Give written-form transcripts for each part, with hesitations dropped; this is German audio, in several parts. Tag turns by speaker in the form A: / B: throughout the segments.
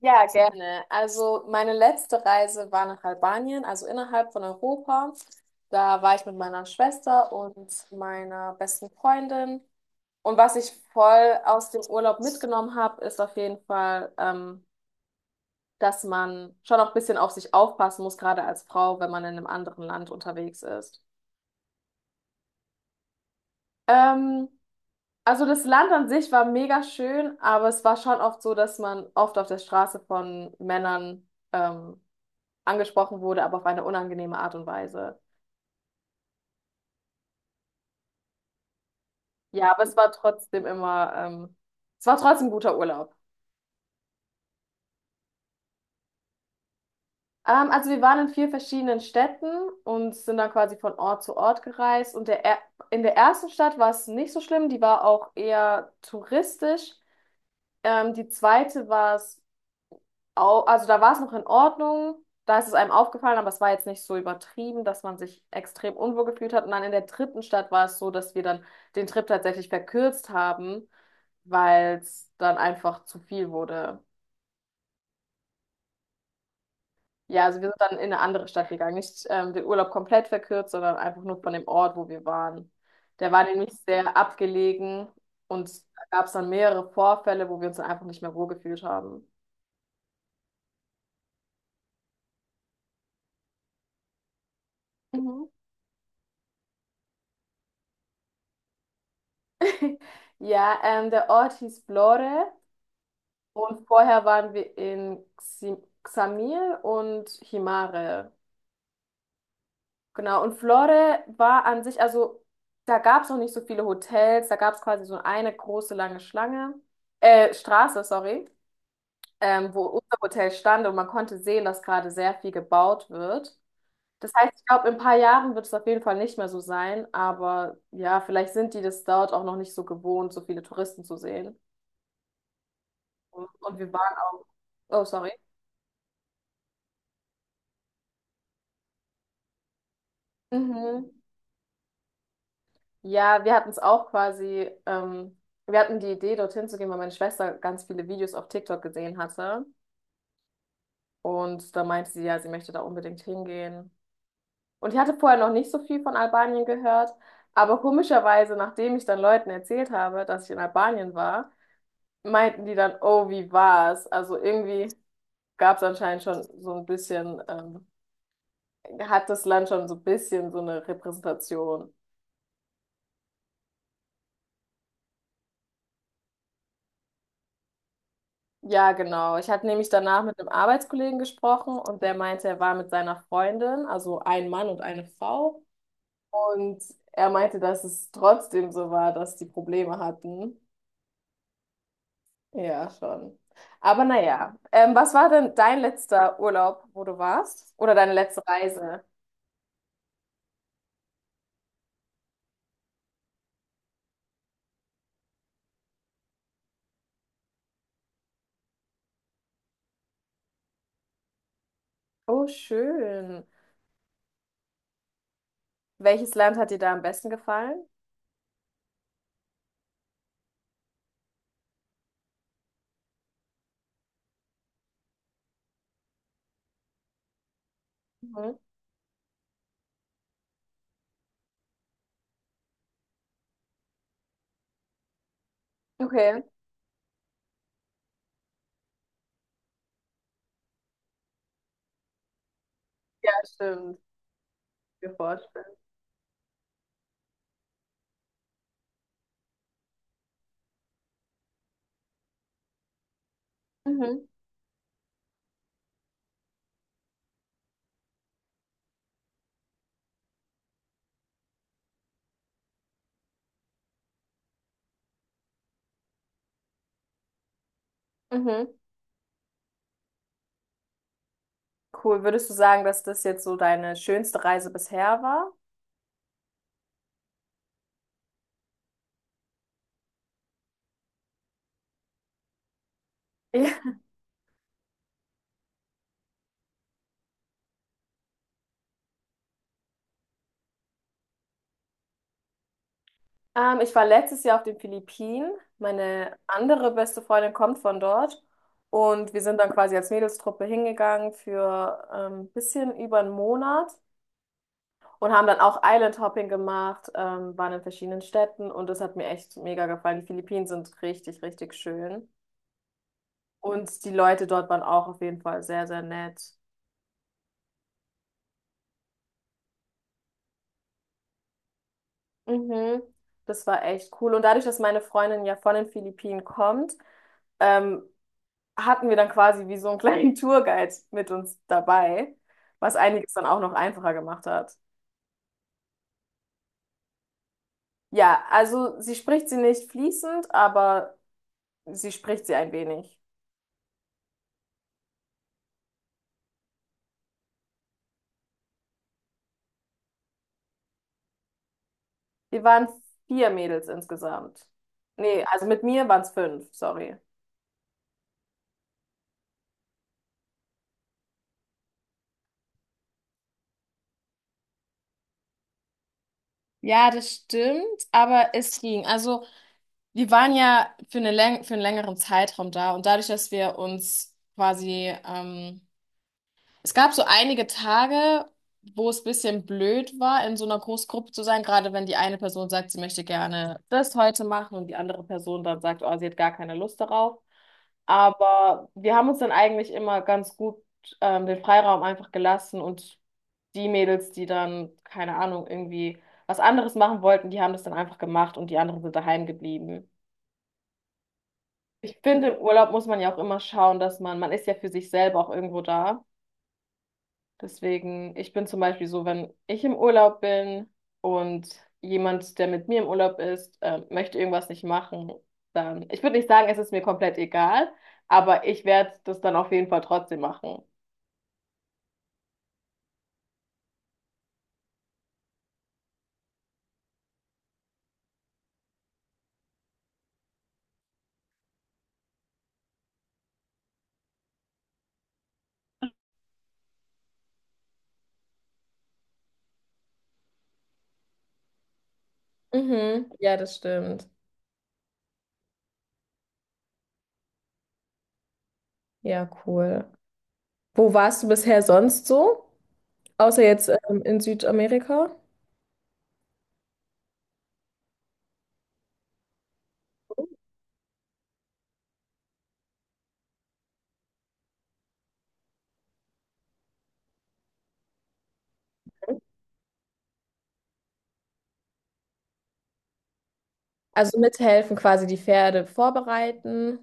A: Ja, gerne. Also meine letzte Reise war nach Albanien, also innerhalb von Europa. Da war ich mit meiner Schwester und meiner besten Freundin. Und was ich voll aus dem Urlaub mitgenommen habe, ist auf jeden Fall, dass man schon auch ein bisschen auf sich aufpassen muss, gerade als Frau, wenn man in einem anderen Land unterwegs ist. Ähm, also das Land an sich war mega schön, aber es war schon oft so, dass man oft auf der Straße von Männern angesprochen wurde, aber auf eine unangenehme Art und Weise. Ja, aber es war trotzdem immer, es war trotzdem ein guter Urlaub. Also wir waren in vier verschiedenen Städten und sind dann quasi von Ort zu Ort gereist. In der ersten Stadt war es nicht so schlimm, die war auch eher touristisch. Die zweite war es also da war es noch in Ordnung, da ist es einem aufgefallen, aber es war jetzt nicht so übertrieben, dass man sich extrem unwohl gefühlt hat. Und dann in der dritten Stadt war es so, dass wir dann den Trip tatsächlich verkürzt haben, weil es dann einfach zu viel wurde. Ja, also wir sind dann in eine andere Stadt gegangen, nicht den Urlaub komplett verkürzt, sondern einfach nur von dem Ort, wo wir waren. Der war nämlich sehr abgelegen und da gab es dann mehrere Vorfälle, wo wir uns dann einfach nicht mehr wohlgefühlt haben. Mhm. Ja, der Ort hieß Vlore. Und vorher waren wir in Xamil und Himare. Genau, und Flore war an sich, also da gab es noch nicht so viele Hotels, da gab es quasi so eine große lange Schlange, Straße, sorry, wo unser Hotel stand und man konnte sehen, dass gerade sehr viel gebaut wird. Das heißt, ich glaube, in ein paar Jahren wird es auf jeden Fall nicht mehr so sein, aber ja, vielleicht sind die das dort auch noch nicht so gewohnt, so viele Touristen zu sehen. Und, oh, sorry. Mhm. Ja, wir hatten es auch quasi, wir hatten die Idee, dorthin zu gehen, weil meine Schwester ganz viele Videos auf TikTok gesehen hatte. Und da meinte sie ja, sie möchte da unbedingt hingehen. Und ich hatte vorher noch nicht so viel von Albanien gehört, aber komischerweise, nachdem ich dann Leuten erzählt habe, dass ich in Albanien war, meinten die dann, oh, wie war's? Also irgendwie gab es anscheinend schon so ein bisschen, hat das Land schon so ein bisschen so eine Repräsentation. Ja, genau. Ich hatte nämlich danach mit einem Arbeitskollegen gesprochen und der meinte, er war mit seiner Freundin, also ein Mann und eine Frau. Und er meinte, dass es trotzdem so war, dass die Probleme hatten. Ja, schon. Aber naja, was war denn dein letzter Urlaub, wo du warst? Oder deine letzte Reise? Oh, schön. Welches Land hat dir da am besten gefallen? Mhm. Okay. Ja, stimmt. Mir vorstellen. Mhm. Mhm. Cool. Würdest du sagen, dass das jetzt so deine schönste Reise bisher war? Ja. Ich war letztes Jahr auf den Philippinen. Meine andere beste Freundin kommt von dort. Und wir sind dann quasi als Mädelstruppe hingegangen für ein bisschen über einen Monat und haben dann auch Island Hopping gemacht, waren in verschiedenen Städten und das hat mir echt mega gefallen. Die Philippinen sind richtig, richtig schön. Und die Leute dort waren auch auf jeden Fall sehr, sehr nett. Mhm. Das war echt cool. Und dadurch, dass meine Freundin ja von den Philippinen kommt, ähm, hatten wir dann quasi wie so einen kleinen Tourguide mit uns dabei, was einiges dann auch noch einfacher gemacht hat. Ja, also sie spricht sie nicht fließend, aber sie spricht sie ein wenig. Wir waren vier Mädels insgesamt. Nee, also mit mir waren es fünf, sorry. Ja, das stimmt, aber es ging. Also, wir waren ja für eine Läng für einen längeren Zeitraum da und dadurch, dass wir uns quasi es gab so einige Tage, wo es ein bisschen blöd war, in so einer Großgruppe zu sein, gerade wenn die eine Person sagt, sie möchte gerne das heute machen und die andere Person dann sagt, oh, sie hat gar keine Lust darauf. Aber wir haben uns dann eigentlich immer ganz gut den Freiraum einfach gelassen und die Mädels, die dann, keine Ahnung, irgendwie was anderes machen wollten, die haben das dann einfach gemacht und die anderen sind daheim geblieben. Ich finde, im Urlaub muss man ja auch immer schauen, dass man ist ja für sich selber auch irgendwo da. Deswegen, ich bin zum Beispiel so, wenn ich im Urlaub bin und jemand, der mit mir im Urlaub ist, möchte irgendwas nicht machen, dann, ich würde nicht sagen, es ist mir komplett egal, aber ich werde das dann auf jeden Fall trotzdem machen. Mhm. Ja, das stimmt. Ja, cool. Wo warst du bisher sonst so? Außer jetzt in Südamerika? Also mithelfen, quasi die Pferde vorbereiten.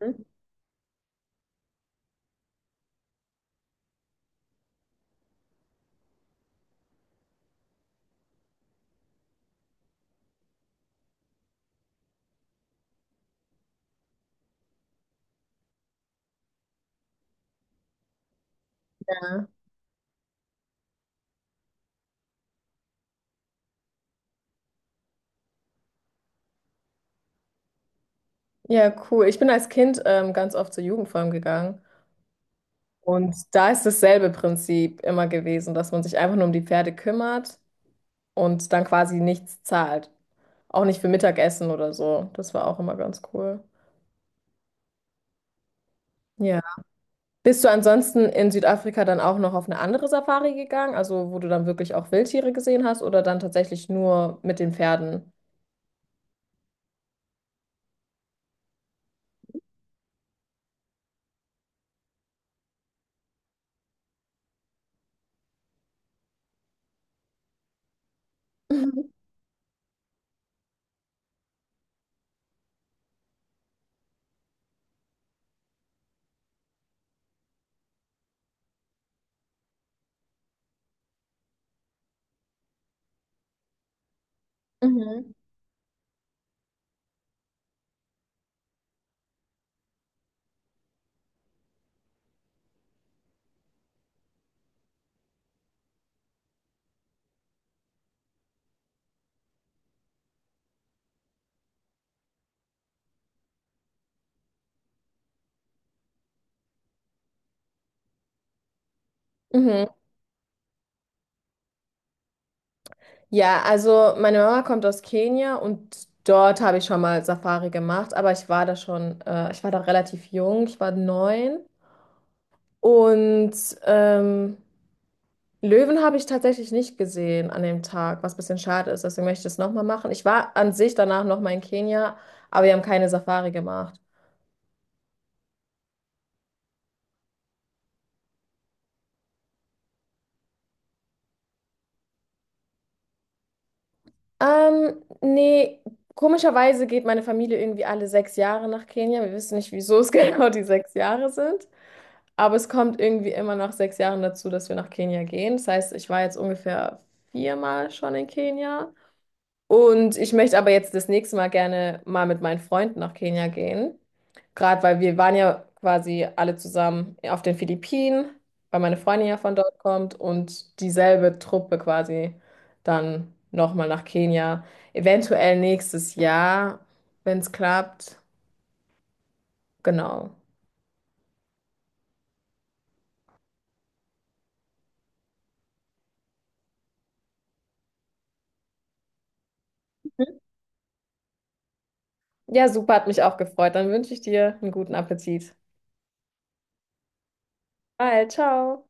A: Mhm. Ja, ja, cool. Ich bin als Kind ganz oft zur Jugendform gegangen. Und da ist dasselbe Prinzip immer gewesen, dass man sich einfach nur um die Pferde kümmert und dann quasi nichts zahlt. Auch nicht für Mittagessen oder so. Das war auch immer ganz cool. Ja. Bist du ansonsten in Südafrika dann auch noch auf eine andere Safari gegangen, also wo du dann wirklich auch Wildtiere gesehen hast oder dann tatsächlich nur mit den Pferden? Mhm. Mhm. Mhm. Ja, also meine Mama kommt aus Kenia und dort habe ich schon mal Safari gemacht, aber ich war da schon, ich war da relativ jung, ich war 9. Und ähm, Löwen habe ich tatsächlich nicht gesehen an dem Tag, was ein bisschen schade ist. Deswegen möchte ich es nochmal machen. Ich war an sich danach nochmal in Kenia, aber wir haben keine Safari gemacht. Nee, komischerweise geht meine Familie irgendwie alle 6 Jahre nach Kenia. Wir wissen nicht, wieso es genau die sechs Jahre sind. Aber es kommt irgendwie immer nach 6 Jahren dazu, dass wir nach Kenia gehen. Das heißt, ich war jetzt ungefähr viermal schon in Kenia. Und ich möchte aber jetzt das nächste Mal gerne mal mit meinen Freunden nach Kenia gehen. Gerade weil wir waren ja quasi alle zusammen auf den Philippinen, weil meine Freundin ja von dort kommt und dieselbe Truppe quasi dann nochmal nach Kenia. Eventuell nächstes Jahr, wenn es klappt. Genau. Ja, super, hat mich auch gefreut. Dann wünsche ich dir einen guten Appetit. Bye, ciao.